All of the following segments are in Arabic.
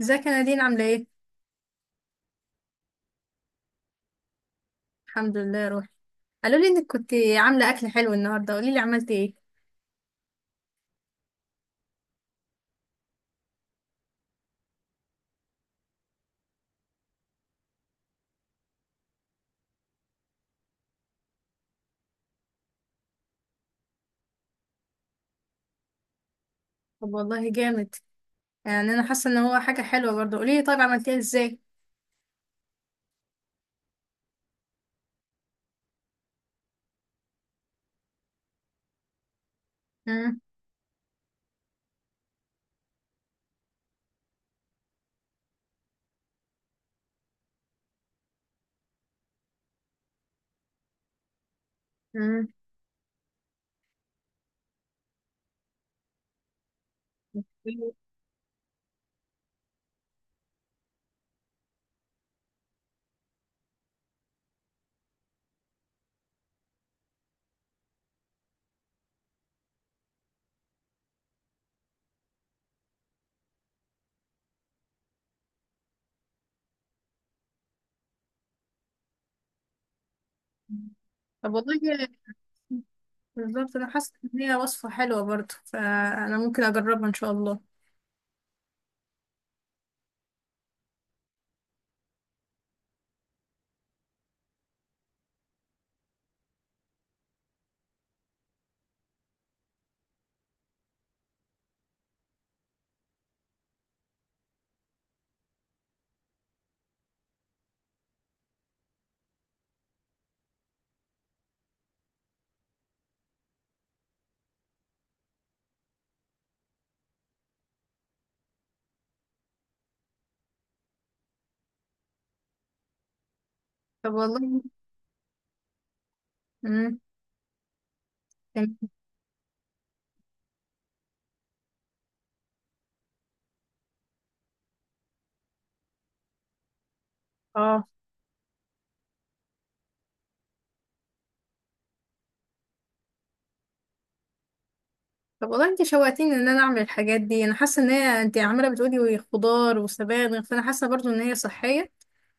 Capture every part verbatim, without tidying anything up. ازيك يا نادين عاملة ايه؟ الحمد لله يا روحي. قالوا لي انك كنت عاملة اكل حلو النهاردة، قولي لي عملتي ايه؟ طب والله جامد. يعني انا حاسة ان هو حاجة حلوة برضه، قولي لي طيب عملتيها ازاي؟ امم. امم. طب والله بالظبط انا حاسة ان هي وصفة حلوة برضه، فانا ممكن اجربها ان شاء الله. طب والله. امم. اه. طب والله انت شوقتيني ان انا اعمل الحاجات دي، انا حاسه ان هي، انت عماله بتقولي خضار وسبانخ، فانا حاسه برضو ان هي صحيه،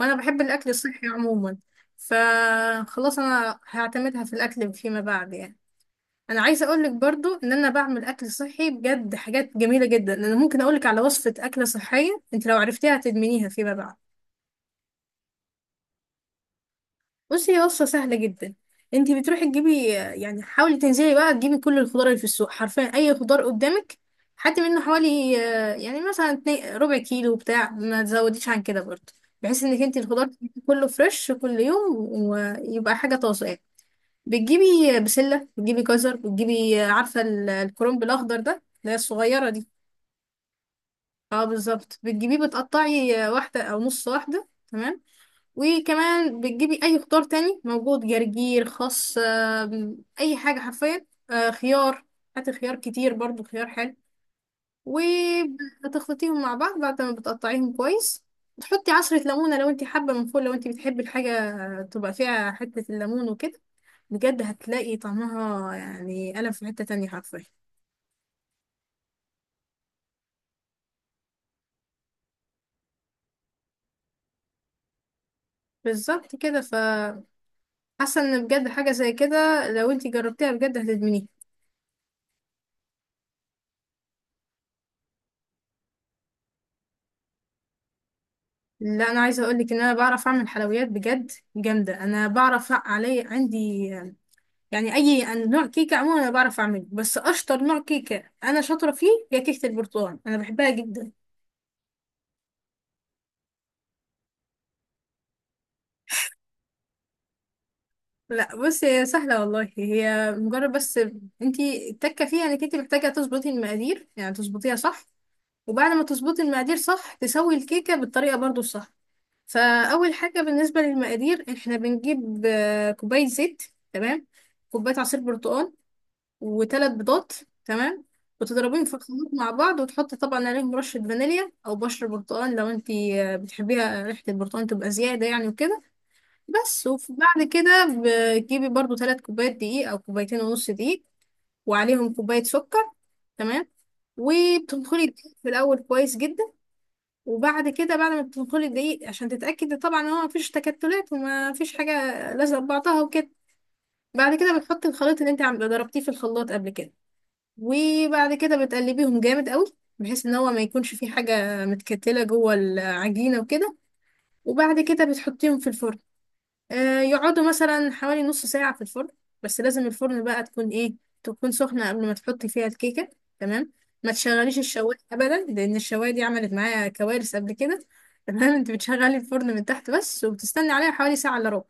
وانا بحب الاكل الصحي عموما. فخلاص انا هعتمدها في الاكل فيما بعد يعني. انا عايزه اقول لك برضو ان انا بعمل اكل صحي بجد، حاجات جميله جدا. انا ممكن اقول لك على وصفه اكله صحيه، انت لو عرفتيها هتدمنيها فيما بعد. بصي هي وصفة سهلة جدا. انت بتروحي تجيبي يعني، حاولي تنزلي بقى تجيبي كل الخضار اللي في السوق، حرفيا اي خضار قدامك. حتى منه حوالي آه، يعني مثلا اتنين- ربع كيلو بتاع، ما تزوديش عن كده برضه. بحيث انك انت الخضار كله فريش كل يوم، ويبقى حاجة طازة يعني. بتجيبي بسلة، بتجيبي جزر، بتجيبي آه، عارفة ال- الكرنب الأخضر ده اللي هي الصغيرة دي؟ اه بالظبط. بتجيبيه بتقطعي آه، واحدة أو نص واحدة. تمام. وكمان بتجيبي اي خضار تاني موجود، جرجير، خس، آم، اي حاجه حرفيا، آه، خيار. هاتي خيار كتير برضو، خيار حلو. وبتخلطيهم مع بعض بعد ما بتقطعيهم كويس. تحطي عصرة ليمونة لو انت حابة من فوق، لو انت بتحبي الحاجة تبقى فيها حتة الليمون وكده. بجد هتلاقي طعمها يعني قلم، في حتة تانية حرفيا. بالظبط كده. فحاسة ان بجد حاجة زي كده، لو انت جربتيها بجد هتدمنيها. لا انا عايزه اقول لك ان انا بعرف اعمل حلويات بجد جامده. انا بعرف، علي عندي يعني اي نوع كيكه عموما انا بعرف اعمله، بس اشطر نوع كيكه انا شاطره فيه هي كيكه البرتقال، انا بحبها جدا. لا بصي هي سهله والله، هي مجرد بس انتي التكه فيها انك انتي محتاجه تظبطي المقادير، يعني تظبطيها صح. وبعد ما تظبطي المقادير صح تسوي الكيكه بالطريقه برضو الصح. فاول حاجه بالنسبه للمقادير احنا بنجيب آه، كوبايه زيت، تمام، كوبايه عصير برتقال، وثلاث بيضات، تمام، وتضربيهم في الخلاط مع بعض. وتحطي طبعا عليهم رشة فانيليا أو بشر برتقال لو انتي آه، بتحبيها ريحة البرتقال تبقى زيادة يعني وكده. بس. وبعد كده بتجيبي برضو ثلاث كوبايات دقيق أو كوبايتين ونص دقيق، وعليهم كوباية سكر. تمام. وبتنخلي الدقيق في الأول كويس جدا. وبعد كده بعد ما بتنخلي الدقيق عشان تتأكدي طبعا إن هو مفيش تكتلات ومفيش حاجة لازقة في بعضها وكده. بعد كده بتحطي الخليط اللي انت عم- ضربتيه في الخلاط قبل كده. وبعد كده بتقلبيهم جامد قوي بحيث ان هو ما يكونش فيه حاجة متكتلة جوه العجينة وكده. وبعد كده بتحطيهم في الفرن، آه يقعدوا مثلا حوالي نص ساعة في الفرن. بس لازم الفرن بقى تكون ايه، تكون سخنة قبل ما تحطي فيها الكيكة. تمام. ما تشغليش الشواية ابدا، لان الشواية دي عملت معايا كوارث قبل كده تمام، انت بتشغلي الفرن من تحت بس وبتستني عليها حوالي ساعة الا ربع،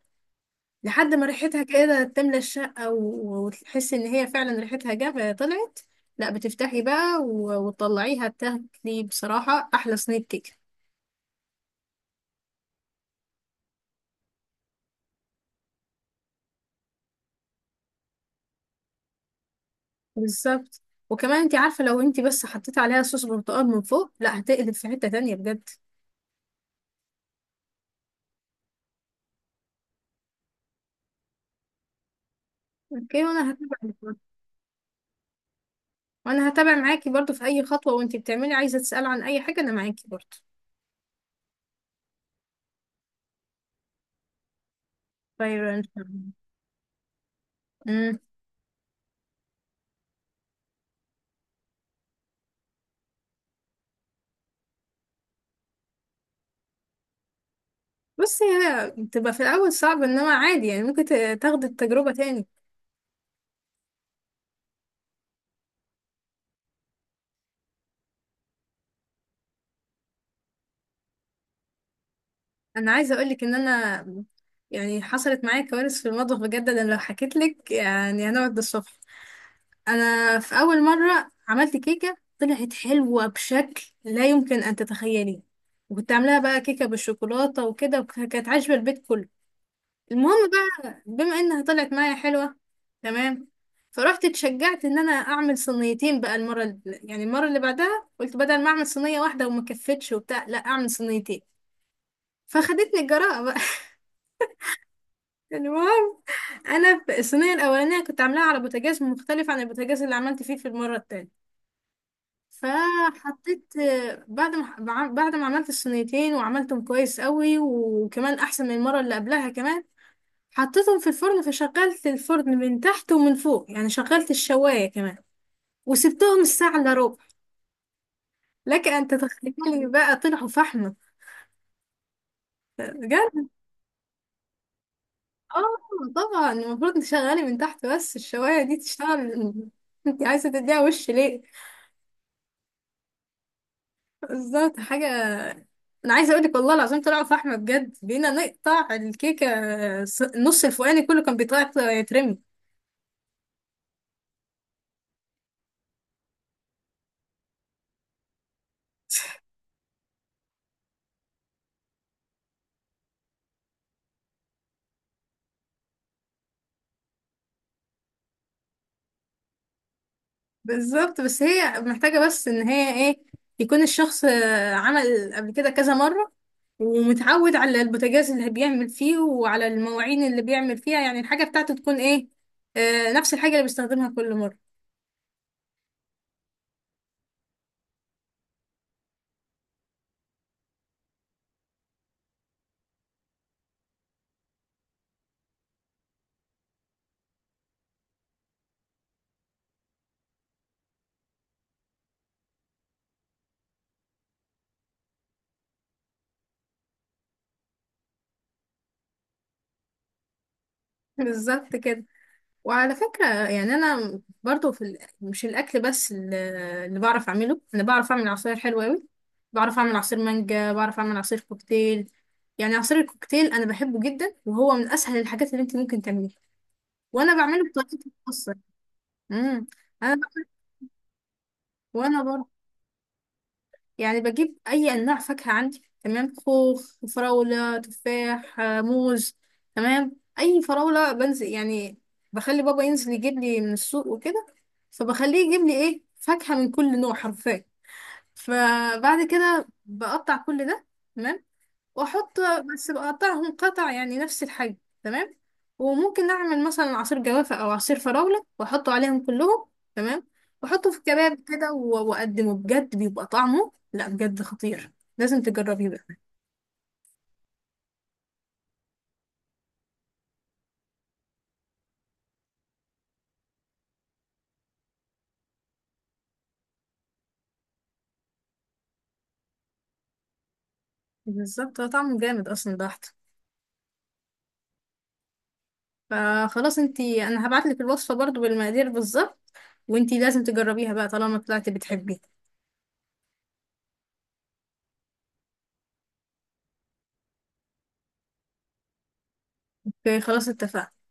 لحد ما ريحتها كده تملى الشقة و- وتحس ان هي فعلا ريحتها جا طلعت. لا بتفتحي بقى و- وتطلعيها تاكلي بصراحة احلى صينية كيكة. بالظبط. وكمان انت عارفة لو انت بس حطيتي عليها صوص برتقال من فوق، لا هتقلب في حتة تانية بجد. اوكي وانا هتابع معاكي. وانا هتابع معاكي برضو في اي خطوة، وانت بتعملي عايزة تسألي عن اي حاجة انا معاكي برضو. طيب. امم. بس هي بتبقى في الاول صعب انما عادي يعني، ممكن ت- تاخدي التجربة تاني. انا عايزه اقول لك ان انا يعني حصلت معايا كوارث في المطبخ بجد، انا لو حكيت لك يعني هنقعد للصبح. انا في اول مره عملت كيكه طلعت حلوه بشكل لا يمكن ان تتخيليه. وكنت عاملاها بقى كيكه بالشوكولاته وكده، وكانت عاجبه البيت كله. المهم بقى بما انها طلعت معايا حلوه، تمام، فرحت اتشجعت ان انا اعمل صينيتين بقى المره اللي يعني المره اللي بعدها. قلت بدل ما اعمل صينيه واحده وما كفتش وبتاع، لا اعمل صينيتين. فخدتني الجراءه بقى. المهم، انا في الصينيه الاولانيه كنت عاملاها على بوتاجاز مختلف عن البوتاجاز اللي عملت فيه في المره التانية. فحطيت، بعد ما بع- بعد ما عملت الصينيتين وعملتهم كويس قوي وكمان احسن من المره اللي قبلها كمان، حطيتهم في الفرن. فشغلت الفرن من تحت ومن فوق، يعني شغلت الشوايه كمان. وسبتهم الساعه الا ربع، لك ان تتخيلي بقى طلعوا فحمه بجد. اه طبعا المفروض تشغلي من تحت بس، الشوايه دي تشتغل انت عايزه تديها وش ليه. بالظبط حاجة. أنا عايزة أقولك والله العظيم طلعوا فحمة بجد، بقينا نقطع الكيكة، ص- النص الفوقاني كله كان بيطلع يترمي. بالظبط بس هي محتاجة بس إن هي إيه، يكون الشخص آه، عمل قبل كده كذا مرة ومتعود على البوتاجاز اللي بيعمل فيه وعلى المواعين اللي بيعمل فيها، يعني الحاجة بتاعته تكون إيه، آه، نفس الحاجة اللي بيستخدمها كل مرة. بالظبط كده. وعلى فكرة يعني أنا برضو في ال... مش الأكل بس ال- اللي بعرف أعمله، أنا بعرف أعمل عصاير حلوة أوي. بعرف أعمل عصير مانجا، بعرف أعمل عصير كوكتيل. يعني عصير الكوكتيل أنا بحبه جدا، وهو من أسهل الحاجات اللي أنت ممكن تعمليها. وأنا بعمله بطريقتي الخاصة. امم. أنا وأنا برضو يعني بجيب أي أنواع فاكهة عندي، تمام، خوخ، فراولة، تفاح، آه، موز، تمام، أي فراولة بنزل يعني، بخلي بابا ينزل يجيب لي من السوق وكده. فبخليه يجيب لي إيه فاكهة من كل نوع حرفيا. فبعد كده بقطع كل ده، تمام، واحط، بس بقطعهم قطع يعني نفس الحجم، تمام. وممكن اعمل مثلا عصير جوافة او عصير فراولة واحطه عليهم كلهم، تمام، واحطه في كباب كده و- واقدمه، بجد بيبقى طعمه لا بجد خطير. لازم تجربيه بقى. بالظبط هو طعمه جامد اصلا بحت. فخلاص انتي انا هبعتلك الوصفة برضو بالمقادير بالظبط، وانتي لازم تجربيها بقى طالما طلعتي بتحبيها. اوكي خلاص اتفقنا.